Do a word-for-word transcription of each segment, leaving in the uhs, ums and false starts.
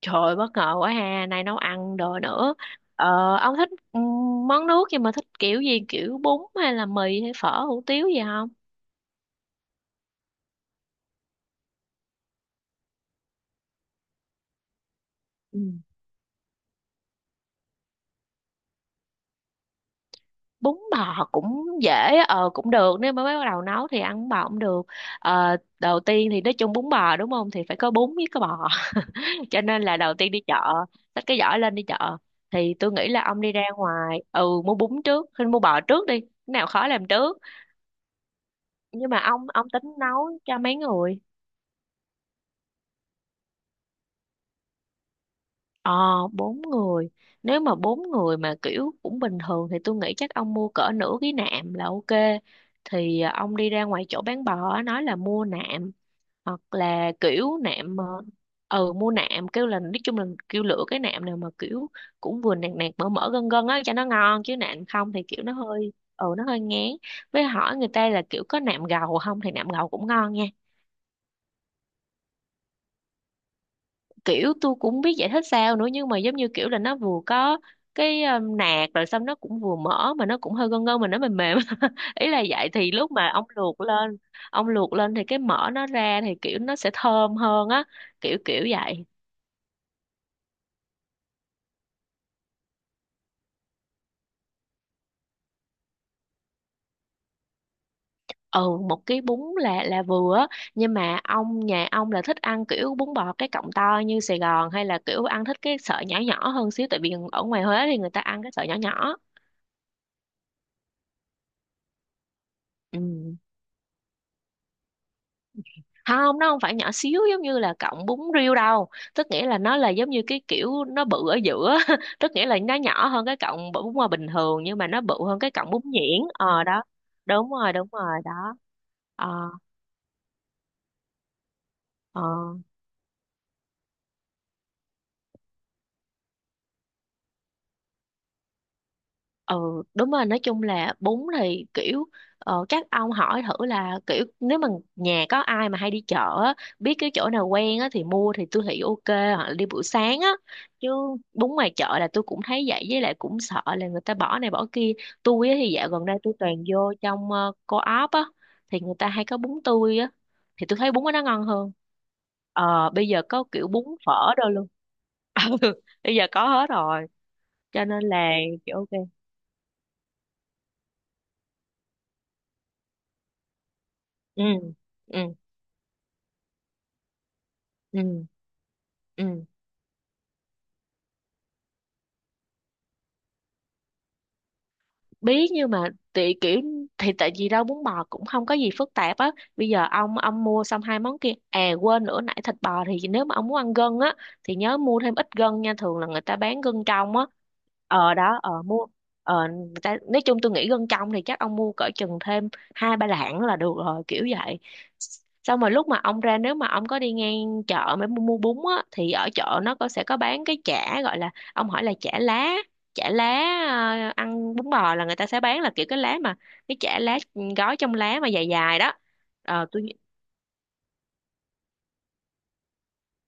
Trời bất ngờ quá ha, nay nấu ăn đồ nữa. Ờ, ông thích ừ, món nước nhưng mà thích kiểu gì, kiểu bún hay là mì hay phở hủ tiếu gì không? Ừ. Bún bò cũng dễ, ờ cũng được, nếu mới bắt đầu nấu thì ăn bún bò cũng được. Ờ, đầu tiên thì nói chung bún bò, đúng không, thì phải có bún với có bò. Cho nên là đầu tiên đi chợ, xách cái giỏ lên đi chợ, thì tôi nghĩ là ông đi ra ngoài ừ mua bún trước, hay mua bò trước đi, cái nào khó làm trước. Nhưng mà ông ông tính nấu cho mấy người? Ờ, bốn người. Nếu mà bốn người mà kiểu cũng bình thường thì tôi nghĩ chắc ông mua cỡ nửa cái nạm là ok. Thì à, ông đi ra ngoài chỗ bán bò á, nói là mua nạm, hoặc là kiểu nạm ờ, ừ mua nạm, kêu là, nói chung là kêu lựa cái nạm nào mà kiểu cũng vừa nạc nạc mỡ mỡ gân gân á cho nó ngon, chứ nạm không thì kiểu nó hơi ừ nó hơi ngán. Với hỏi người ta là kiểu có nạm gầu không, thì nạm gầu cũng ngon nha. Kiểu tôi cũng biết giải thích sao nữa, nhưng mà giống như kiểu là nó vừa có cái um, nạc, rồi xong nó cũng vừa mỡ, mà nó cũng hơi gân gân, mà nó mềm mềm. Ý là vậy, thì lúc mà ông luộc lên, ông luộc lên thì cái mỡ nó ra thì kiểu nó sẽ thơm hơn á, kiểu kiểu vậy. Ừ, một cái bún là là vừa á, nhưng mà ông nhà ông là thích ăn kiểu bún bò cái cọng to như Sài Gòn, hay là kiểu ăn thích cái sợi nhỏ nhỏ hơn xíu, tại vì ở ngoài Huế thì người ta ăn cái sợi nhỏ nhỏ. Ừ, không, nó không phải nhỏ xíu giống như là cọng bún riêu đâu, tức nghĩa là nó là giống như cái kiểu nó bự ở giữa. Tức nghĩa là nó nhỏ hơn cái cọng bún bún hoa bình thường, nhưng mà nó bự hơn cái cọng bún nhuyễn, ờ đó. Đúng rồi, đúng rồi đó. Ờ, ờ. Ừ, đúng rồi. Nói chung là bún thì kiểu, ờ, các ông hỏi thử là kiểu, nếu mà nhà có ai mà hay đi chợ á, biết cái chỗ nào quen á, thì mua thì tôi thấy ok, hoặc là đi buổi sáng á. Chứ bún ngoài chợ là tôi cũng thấy vậy, với lại cũng sợ là người ta bỏ này bỏ kia. Tôi á, thì dạo gần đây tôi toàn vô trong ờ, co-op á, thì người ta hay có bún tươi á, thì tôi thấy bún của nó ngon hơn. Ờ, bây giờ có kiểu bún phở đâu luôn. Ừ, bây giờ có hết rồi, cho nên là ok. Ừ ừ ừ ừ. Bí nhưng mà, tị kiểu, thì tại vì rau muống bò cũng không có gì phức tạp á. Bây giờ ông ông mua xong hai món kia, à quên nữa, nãy thịt bò thì nếu mà ông muốn ăn gân á thì nhớ mua thêm ít gân nha, thường là người ta bán gân trong á. Ờ đó, ờ mua, ờ người ta, nói chung tôi nghĩ gân trong thì chắc ông mua cỡ chừng thêm hai ba lạng là được rồi, kiểu vậy. Xong rồi lúc mà ông ra, nếu mà ông có đi ngang chợ mới mua, mua bún á, thì ở chợ nó có sẽ có bán cái chả, gọi là ông hỏi là chả lá, chả lá. Ờ, ăn bún bò là người ta sẽ bán là kiểu cái lá mà, cái chả lá, gói trong lá mà dài dài đó. Ờ, tôi,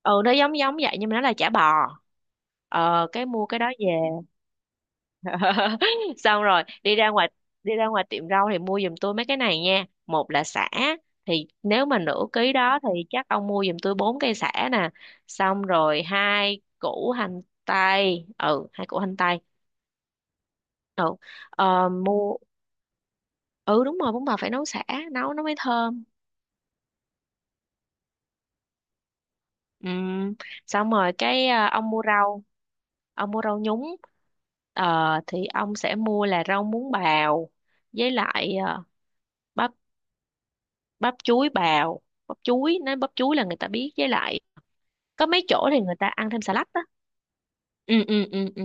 ừ nó giống giống vậy nhưng mà nó là chả bò. Ờ cái mua cái đó về. Xong rồi đi ra ngoài, đi ra ngoài tiệm rau thì mua giùm tôi mấy cái này nha, một là sả, thì nếu mà nửa ký đó thì chắc ông mua giùm tôi bốn cây sả nè. Xong rồi hai củ hành tây, ừ hai củ hành tây. Ừ, ờ, mua, ừ đúng rồi, bún bò phải nấu sả, nấu nó mới thơm. Ừ. Xong rồi cái à, ông mua rau, ông mua rau nhúng. Ờ, thì ông sẽ mua là rau muống bào, với lại à, bắp, bắp chuối bào, bắp chuối, nói bắp chuối là người ta biết, với lại có mấy chỗ thì người ta ăn thêm xà lách đó. Ừ ừ ừ ừ.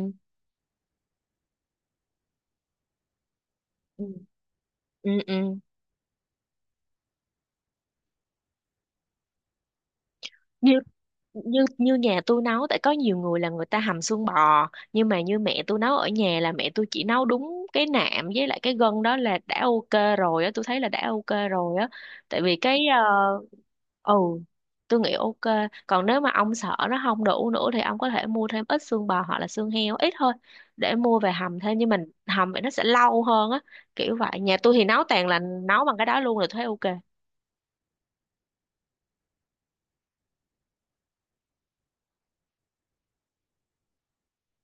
Ừ ừ. Ừ. Như như nhà tôi nấu, tại có nhiều người là người ta hầm xương bò, nhưng mà như mẹ tôi nấu ở nhà là mẹ tôi chỉ nấu đúng cái nạm với lại cái gân đó là đã ok rồi á, tôi thấy là đã ok rồi á. Tại vì cái ờ, ừ tôi nghĩ ok. Còn nếu mà ông sợ nó không đủ nữa thì ông có thể mua thêm ít xương bò hoặc là xương heo ít thôi, để mua về hầm thêm, nhưng mình hầm vậy nó sẽ lâu hơn á, kiểu vậy. Nhà tôi thì nấu toàn là nấu bằng cái đó luôn, là tôi thấy ok.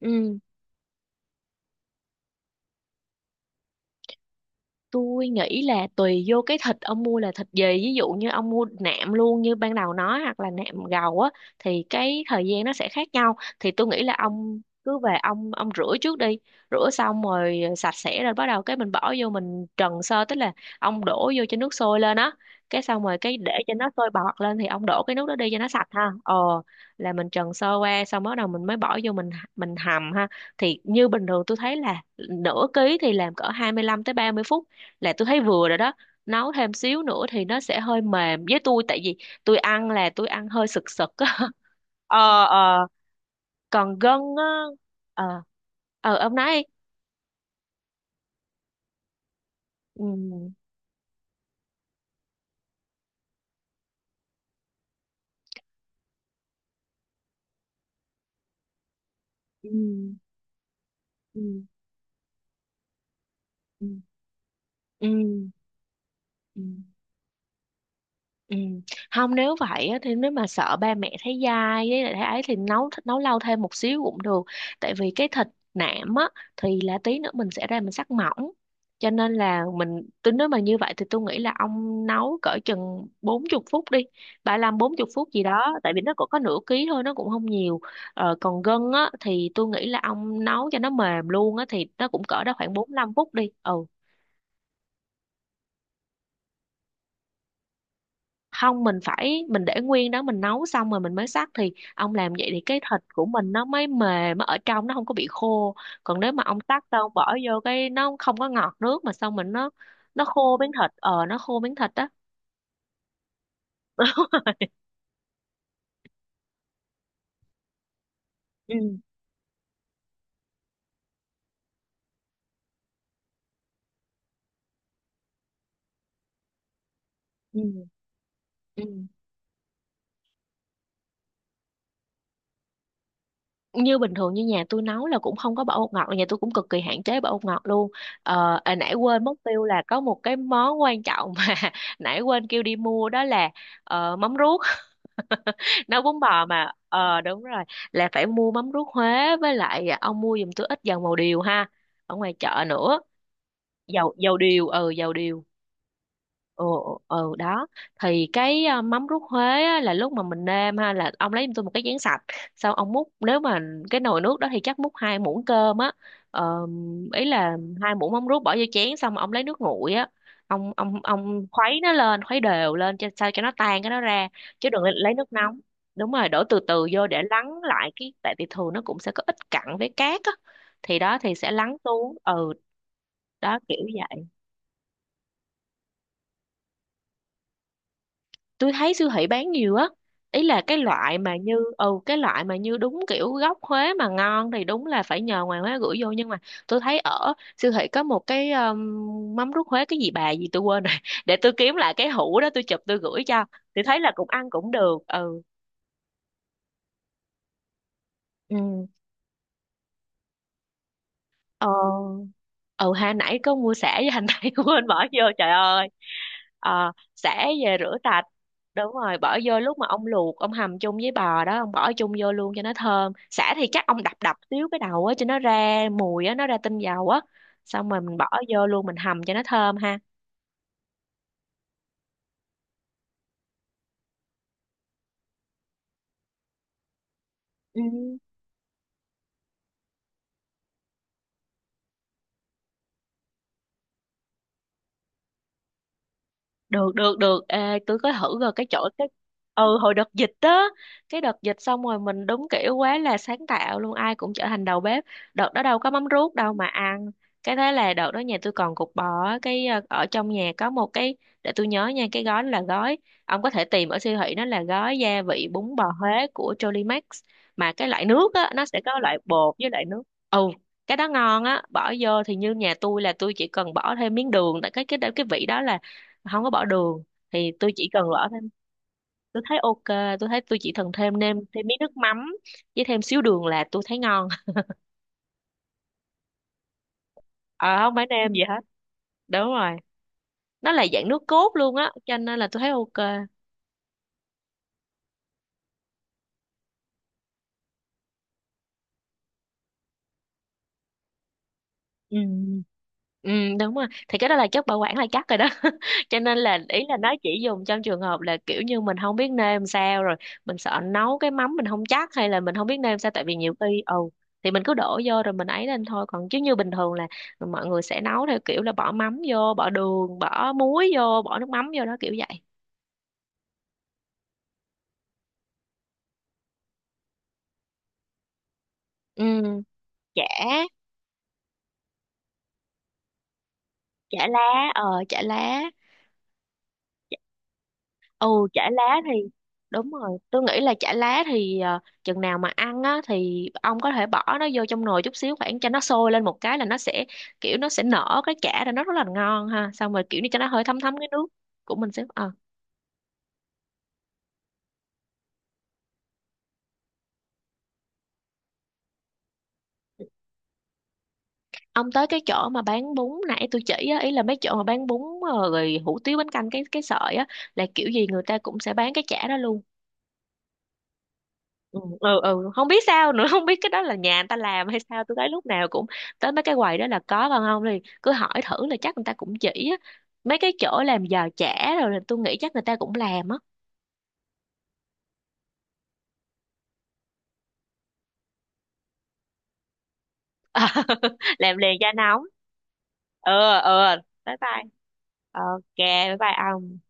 Ừ. Tôi nghĩ là tùy vô cái thịt ông mua là thịt gì, ví dụ như ông mua nạm luôn như ban đầu nói, hoặc là nạm gầu á, thì cái thời gian nó sẽ khác nhau. Thì tôi nghĩ là ông cứ về ông ông rửa trước đi, rửa xong rồi sạch sẽ rồi bắt đầu cái mình bỏ vô mình trần sơ, tức là ông đổ vô cho nước sôi lên á, cái xong rồi cái để cho nó sôi bọt lên thì ông đổ cái nước đó đi cho nó sạch ha. Ờ, là mình trần sơ qua xong bắt đầu mình mới bỏ vô, mình mình hầm ha. Thì như bình thường tôi thấy là, nửa ký thì làm cỡ hai mươi lăm tới ba mươi phút là tôi thấy vừa rồi đó. Nấu thêm xíu nữa thì nó sẽ hơi mềm, với tôi tại vì tôi ăn là tôi ăn hơi sực sực á. Ờ ờ, còn gân á, ờ. Ờ, ông nói đi. Ừ ừ ừ ừ ừ ừ. Ừ. Không, nếu vậy á, thì nếu mà sợ ba mẹ thấy dai với lại thấy ấy thì nấu nấu lâu thêm một xíu cũng được, tại vì cái thịt nạm á, thì là tí nữa mình sẽ ra mình sắc mỏng, cho nên là mình tính, nếu mà như vậy thì tôi nghĩ là ông nấu cỡ chừng bốn mươi phút đi, ba lăm bốn 40 phút gì đó, tại vì nó cũng có nửa ký thôi, nó cũng không nhiều. Ờ, còn gân á thì tôi nghĩ là ông nấu cho nó mềm luôn á, thì nó cũng cỡ đó, khoảng bốn mươi lăm phút đi, ừ. Không, mình phải mình để nguyên đó mình nấu xong rồi mình mới xắt, thì ông làm vậy thì cái thịt của mình nó mới mềm, nó ở trong nó không có bị khô. Còn nếu mà ông xắt đâu bỏ vô cái nó không có ngọt nước, mà xong mình nó nó khô miếng thịt, ờ nó khô miếng thịt đó. Ừ ừ ừ. Như bình thường như nhà tôi nấu là cũng không có bỏ bột ngọt, là nhà tôi cũng cực kỳ hạn chế bỏ bột ngọt luôn. Ờ à, nãy quên mất tiêu là có một cái món quan trọng mà. Nãy quên kêu đi mua đó là, ờ, mắm ruốc. Nấu bún bò mà, ờ đúng rồi, là phải mua mắm ruốc Huế, với lại à, ông mua giùm tôi ít dầu màu điều ha, ở ngoài chợ nữa. Dầu dầu điều, ừ dầu điều. Ồ, ừ đó, thì cái à, mắm rút Huế á, là lúc mà mình nêm ha, là ông lấy giùm tôi một cái chén sạch, sau ông múc, nếu mà cái nồi nước đó thì chắc múc hai muỗng cơm á. Ờ, ý là hai muỗng mắm rút bỏ vô chén, xong ông lấy nước nguội á, ông ông ông khuấy nó lên, khuấy đều lên cho sao cho nó tan cái nó ra, chứ đừng lấy nước nóng. Đúng rồi, đổ từ từ vô để lắng lại cái, tại vì thường nó cũng sẽ có ít cặn với cát á, thì đó thì sẽ lắng xuống, ừ. Đó kiểu vậy. Tôi thấy siêu thị bán nhiều á, ý là cái loại mà như, ừ cái loại mà như đúng kiểu gốc Huế mà ngon thì đúng là phải nhờ ngoài Huế gửi vô, nhưng mà tôi thấy ở siêu thị có một cái um, mắm rút Huế, cái gì bà gì tôi quên rồi. Để tôi kiếm lại Cái hũ đó tôi chụp tôi gửi cho thì thấy là cũng ăn cũng được. Ừ, ừ, ờ, ừ ha, nãy có mua sả với hành tây quên bỏ vô, trời ơi. Ờ, xả về rửa sạch, đúng rồi, bỏ vô lúc mà ông luộc ông hầm chung với bò đó, ông bỏ chung vô luôn cho nó thơm. Sả thì chắc ông đập đập xíu cái đầu á cho nó ra mùi á, nó ra tinh dầu á. Xong rồi mình bỏ vô luôn, mình hầm cho nó thơm ha. Ừ. Được được được. Ê, tôi có thử rồi cái chỗ cái ừ hồi đợt dịch á, cái đợt dịch xong rồi mình đúng kiểu quá là sáng tạo luôn, ai cũng trở thành đầu bếp. Đợt đó đâu có mắm ruốc đâu mà ăn, cái thế là đợt đó nhà tôi còn cục bò á, cái ờ, ở trong nhà có một cái, để tôi nhớ nha, cái gói đó là gói, ông có thể tìm ở siêu thị, nó là gói gia vị bún bò Huế của Jolimax, mà cái loại nước á nó sẽ có loại bột với loại nước. Ừ, cái đó ngon á, bỏ vô thì như nhà tôi là tôi chỉ cần bỏ thêm miếng đường, tại cái cái cái vị đó là không có bỏ đường. Thì tôi chỉ cần bỏ thêm, tôi thấy ok, tôi thấy tôi chỉ cần thêm nêm thêm miếng nước mắm với thêm xíu đường là tôi thấy ngon. Ờ không phải nêm gì hết, đúng rồi, nó là dạng nước cốt luôn á cho nên là tôi thấy ok. Ừ. Ừ, đúng rồi, thì cái đó là chất bảo quản là chắc rồi đó. Cho nên là ý là nó chỉ dùng trong trường hợp là kiểu như mình không biết nêm sao rồi, mình sợ nấu cái mắm mình không chắc, hay là mình không biết nêm sao, tại vì nhiều khi ừ thì mình cứ đổ vô rồi mình ấy lên thôi. Còn chứ như bình thường là mọi người sẽ nấu theo kiểu là bỏ mắm vô, bỏ đường, bỏ muối vô, bỏ nước mắm vô, đó kiểu vậy. Ừ, chả chả lá, ờ chả lá. Ừ chả lá thì đúng rồi, tôi nghĩ là chả lá thì ờ, chừng nào mà ăn á thì ông có thể bỏ nó vô trong nồi chút xíu, khoảng cho nó sôi lên một cái là nó sẽ, kiểu nó sẽ nở cái chả ra nó rất là ngon ha, xong rồi kiểu như cho nó hơi thấm thấm cái nước của mình xíu ờ. Ông tới cái chỗ mà bán bún nãy tôi chỉ á, ý là mấy chỗ mà bán bún, ờ, rồi hủ tiếu bánh canh, cái cái sợi á, là kiểu gì người ta cũng sẽ bán cái chả đó luôn. Ừ, ừ ừ. Không biết sao nữa. Không biết cái đó là nhà người ta làm hay sao, tôi thấy lúc nào cũng tới mấy cái quầy đó là có, còn không thì cứ hỏi thử là chắc người ta cũng chỉ á, mấy cái chỗ làm giò chả rồi là tôi nghĩ chắc người ta cũng làm á. Làm liền cho nóng. Ừ. Ừ, bye bye. Ok, bye bye ông.